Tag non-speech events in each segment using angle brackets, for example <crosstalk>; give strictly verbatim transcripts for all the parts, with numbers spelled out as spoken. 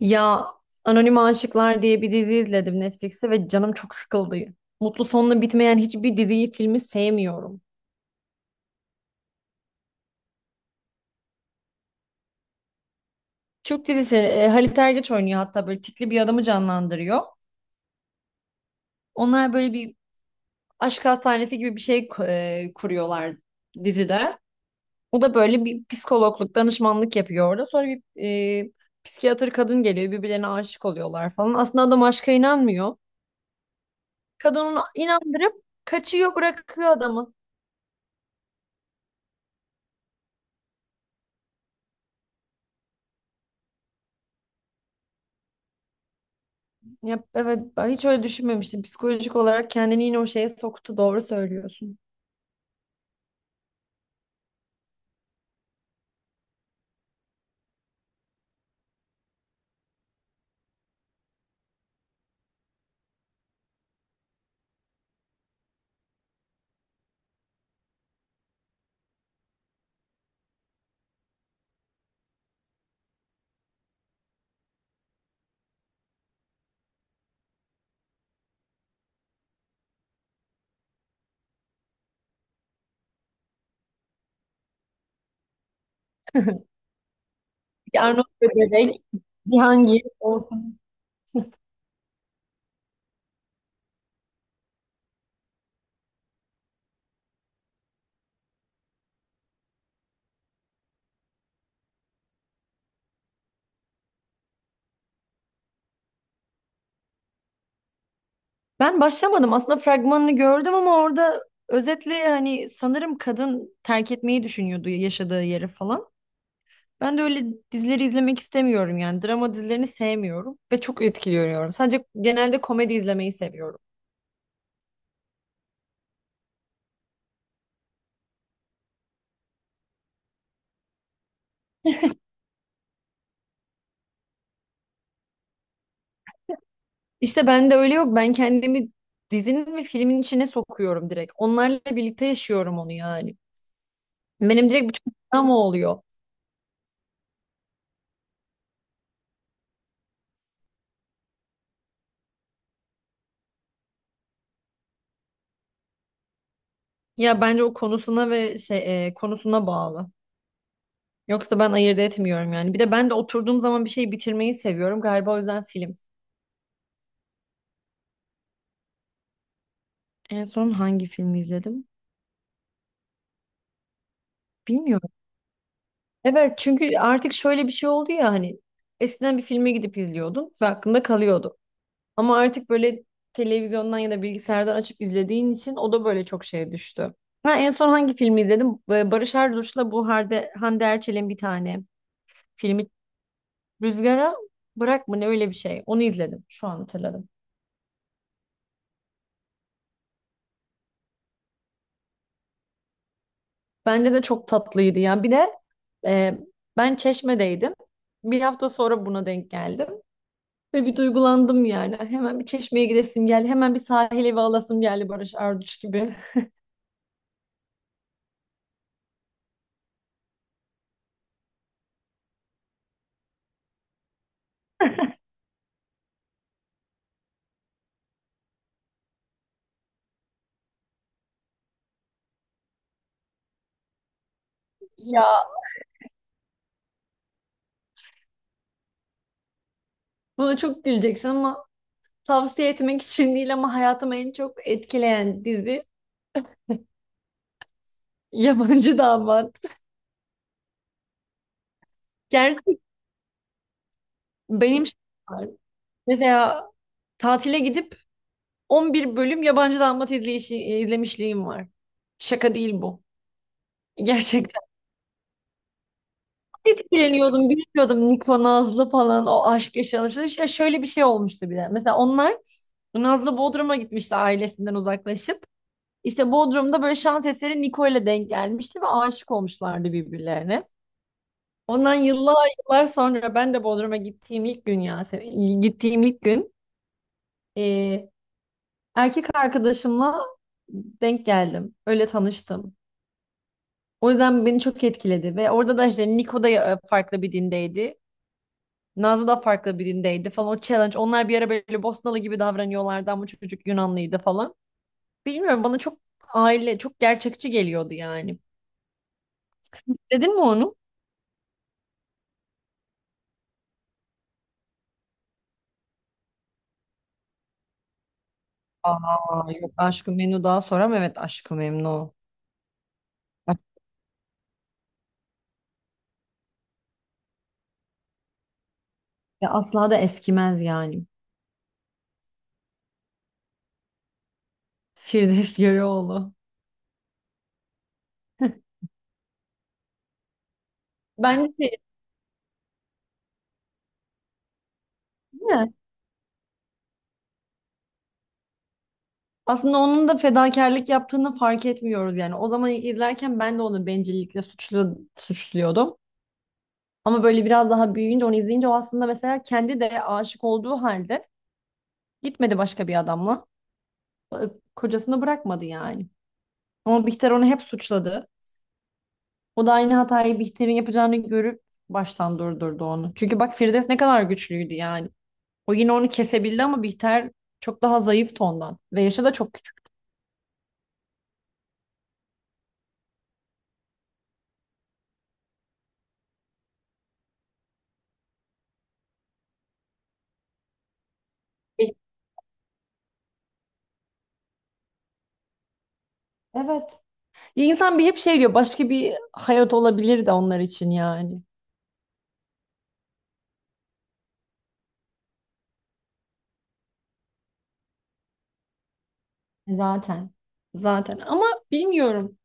Ya Anonim Aşıklar diye bir dizi izledim Netflix'te ve canım çok sıkıldı. Mutlu sonla bitmeyen hiçbir diziyi, filmi sevmiyorum. Türk dizisi e, Halit Ergenç oynuyor, hatta böyle tikli bir adamı canlandırıyor. Onlar böyle bir aşk hastanesi gibi bir şey ku- e, kuruyorlar dizide. O da böyle bir psikologluk, danışmanlık yapıyor orada. Sonra bir e, psikiyatr kadın geliyor, birbirlerine aşık oluyorlar falan. Aslında adam aşka inanmıyor. Kadının inandırıp kaçıyor, bırakıyor adamı. Ya, evet, ben hiç öyle düşünmemiştim. Psikolojik olarak kendini yine o şeye soktu. Doğru söylüyorsun. <laughs> Bir Arnavut bebek, Cihangir olsun. Ben başlamadım. Aslında fragmanını gördüm ama orada özetle hani sanırım kadın terk etmeyi düşünüyordu yaşadığı yeri falan. Ben de öyle dizileri izlemek istemiyorum yani. Drama dizilerini sevmiyorum ve çok etkiliyorum. Sadece genelde komedi izlemeyi seviyorum. İşte ben de öyle yok. Ben kendimi dizinin ve filmin içine sokuyorum direkt. Onlarla birlikte yaşıyorum onu yani. Benim direkt bütün drama oluyor. Ya bence o konusuna ve şey e, konusuna bağlı. Yoksa ben ayırt etmiyorum yani. Bir de ben de oturduğum zaman bir şey bitirmeyi seviyorum. Galiba o yüzden film. En son hangi filmi izledim? Bilmiyorum. Evet, çünkü artık şöyle bir şey oldu ya, hani eskiden bir filme gidip izliyordun ve aklında kalıyordu. Ama artık böyle televizyondan ya da bilgisayardan açıp izlediğin için o da böyle çok şeye düştü. Ha, en son hangi filmi izledim? Ee, Barış Arduç'la bu Hande, Hande Erçel'in bir tane filmi Rüzgara Bırak mı ne, öyle bir şey. Onu izledim. Şu an hatırladım. Bence de çok tatlıydı. Yani bir de Ee, ben Çeşme'deydim. Bir hafta sonra buna denk geldim. Ve bir duygulandım yani. Hemen bir Çeşme'ye gidesim geldi. Hemen bir sahil evi alasım geldi Barış Arduç gibi. <laughs> Ya. Buna çok güleceksin ama tavsiye etmek için değil, ama hayatımı en çok etkileyen dizi <laughs> Yabancı Damat. Gerçek, benim şey var. Mesela tatile gidip on bir bölüm Yabancı Damat izleyişi, izlemişliğim var. Şaka değil bu. Gerçek. Etkileniyordum, bilmiyordum Niko Nazlı falan o aşk yaşanışı. Ya şöyle bir şey olmuştu bir de. Mesela onlar Nazlı Bodrum'a gitmişti ailesinden uzaklaşıp. İşte Bodrum'da böyle şans eseri Niko ile denk gelmişti ve aşık olmuşlardı birbirlerine. Ondan yıllar yıllar sonra ben de Bodrum'a gittiğim ilk gün, ya se- gittiğim ilk gün e, erkek arkadaşımla denk geldim. Öyle tanıştım. O yüzden beni çok etkiledi ve orada da işte Niko da e, farklı bir dindeydi. Nazlı da farklı birindeydi falan, o challenge. Onlar bir ara böyle Bosnalı gibi davranıyorlardı ama çocuk Yunanlıydı falan. Bilmiyorum, bana çok aile çok gerçekçi geliyordu yani. Dedin mi onu? Aa, yok, Aşk-ı Memnu daha sonra mı? Evet, Aşk-ı Memnu. Bak, ya asla da eskimez yani. Firdevs Yarıoğlu. <laughs> Bence şey, değil mi? Aslında onun da fedakarlık yaptığını fark etmiyoruz yani. O zaman izlerken ben de onu bencillikle suçlu, suçluyordum. Ama böyle biraz daha büyüyünce onu izleyince o aslında mesela kendi de aşık olduğu halde gitmedi başka bir adamla. E, Kocasını bırakmadı yani. Ama Bihter onu hep suçladı. O da aynı hatayı Bihter'in yapacağını görüp baştan durdurdu onu. Çünkü bak Firdevs ne kadar güçlüydü yani. O yine onu kesebildi ama Bihter çok daha zayıftı ondan. Ve yaşı da çok küçük. Evet. Ya insan bir hep şey diyor, başka bir hayat olabilir de onlar için yani. Zaten. Zaten, ama bilmiyorum.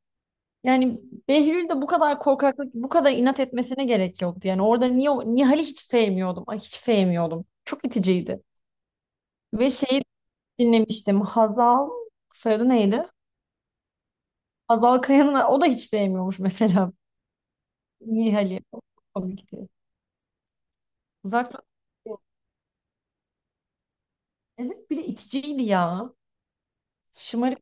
Yani Behlül de bu kadar korkaklık, bu kadar inat etmesine gerek yoktu. Yani orada niye Nihal'i hiç sevmiyordum. Ay hiç sevmiyordum. Çok iticiydi. Ve şeyi dinlemiştim. Hazal soyadı neydi? Hazal Kaya'nın o da hiç sevmiyormuş mesela <laughs> Nihal'i. Çok komikti. Uzak, evet, bir de iticiydi ya. Şımarık.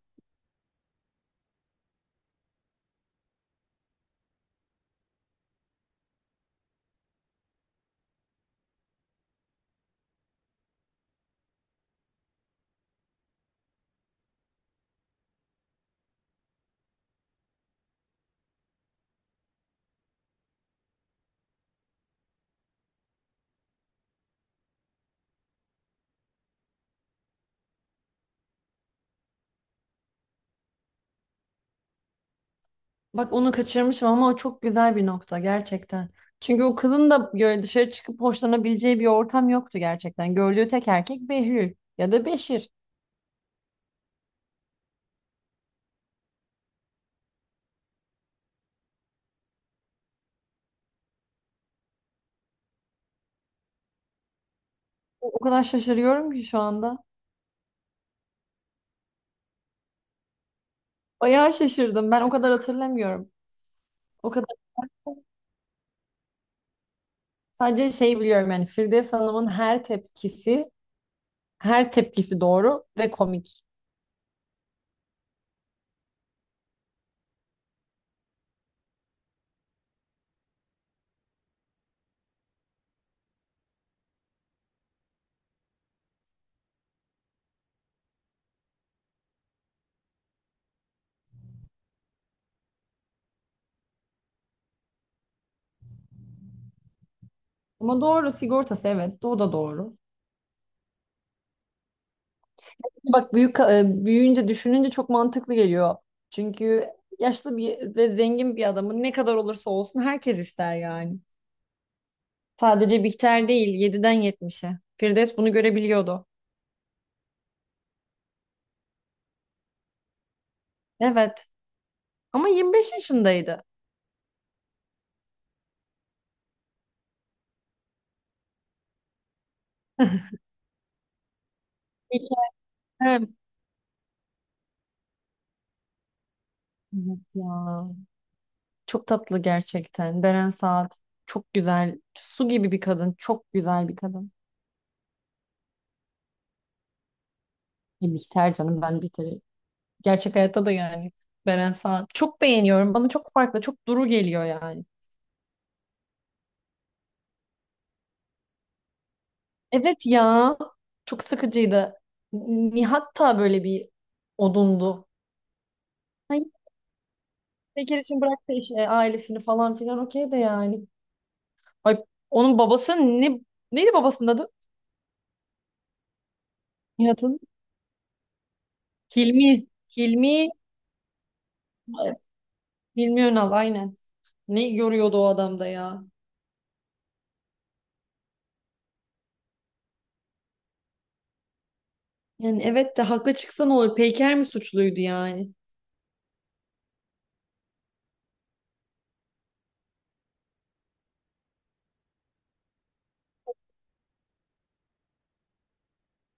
Bak, onu kaçırmışım ama o çok güzel bir nokta gerçekten. Çünkü o kızın da böyle dışarı çıkıp hoşlanabileceği bir ortam yoktu gerçekten. Gördüğü tek erkek Behlül ya da Beşir. O o kadar şaşırıyorum ki şu anda. Bayağı şaşırdım. Ben o kadar hatırlamıyorum. O kadar sadece şey biliyorum yani, Firdevs Hanım'ın her tepkisi, her tepkisi doğru ve komik. Ama doğru, sigortası, evet, o da doğru. Bak, büyük e, büyüyünce düşününce çok mantıklı geliyor. Çünkü yaşlı bir ve zengin bir adamın ne kadar olursa olsun herkes ister yani. Sadece Bihter değil, yediden yetmişe. Firdevs bunu görebiliyordu. Evet. Ama yirmi beş yaşındaydı. Evet. Evet ya. Çok tatlı gerçekten. Beren Saat çok güzel. Su gibi bir kadın. Çok güzel bir kadın. E, Bihter, canım, ben Bihter'i. Gerçek hayatta da yani Beren Saat. Çok beğeniyorum. Bana çok farklı. Çok duru geliyor yani. Evet ya. Çok sıkıcıydı. Nihat da böyle bir odundu. Hani bir kere için bıraktı işte ailesini falan filan, okey de yani. Ay, onun babası ne neydi babasının adı? Nihat'ın. Hilmi. Hilmi. Hilmi Önal, aynen. Ne görüyordu o adamda ya? Yani evet de haklı çıksan olur? Peyker mi suçluydu yani?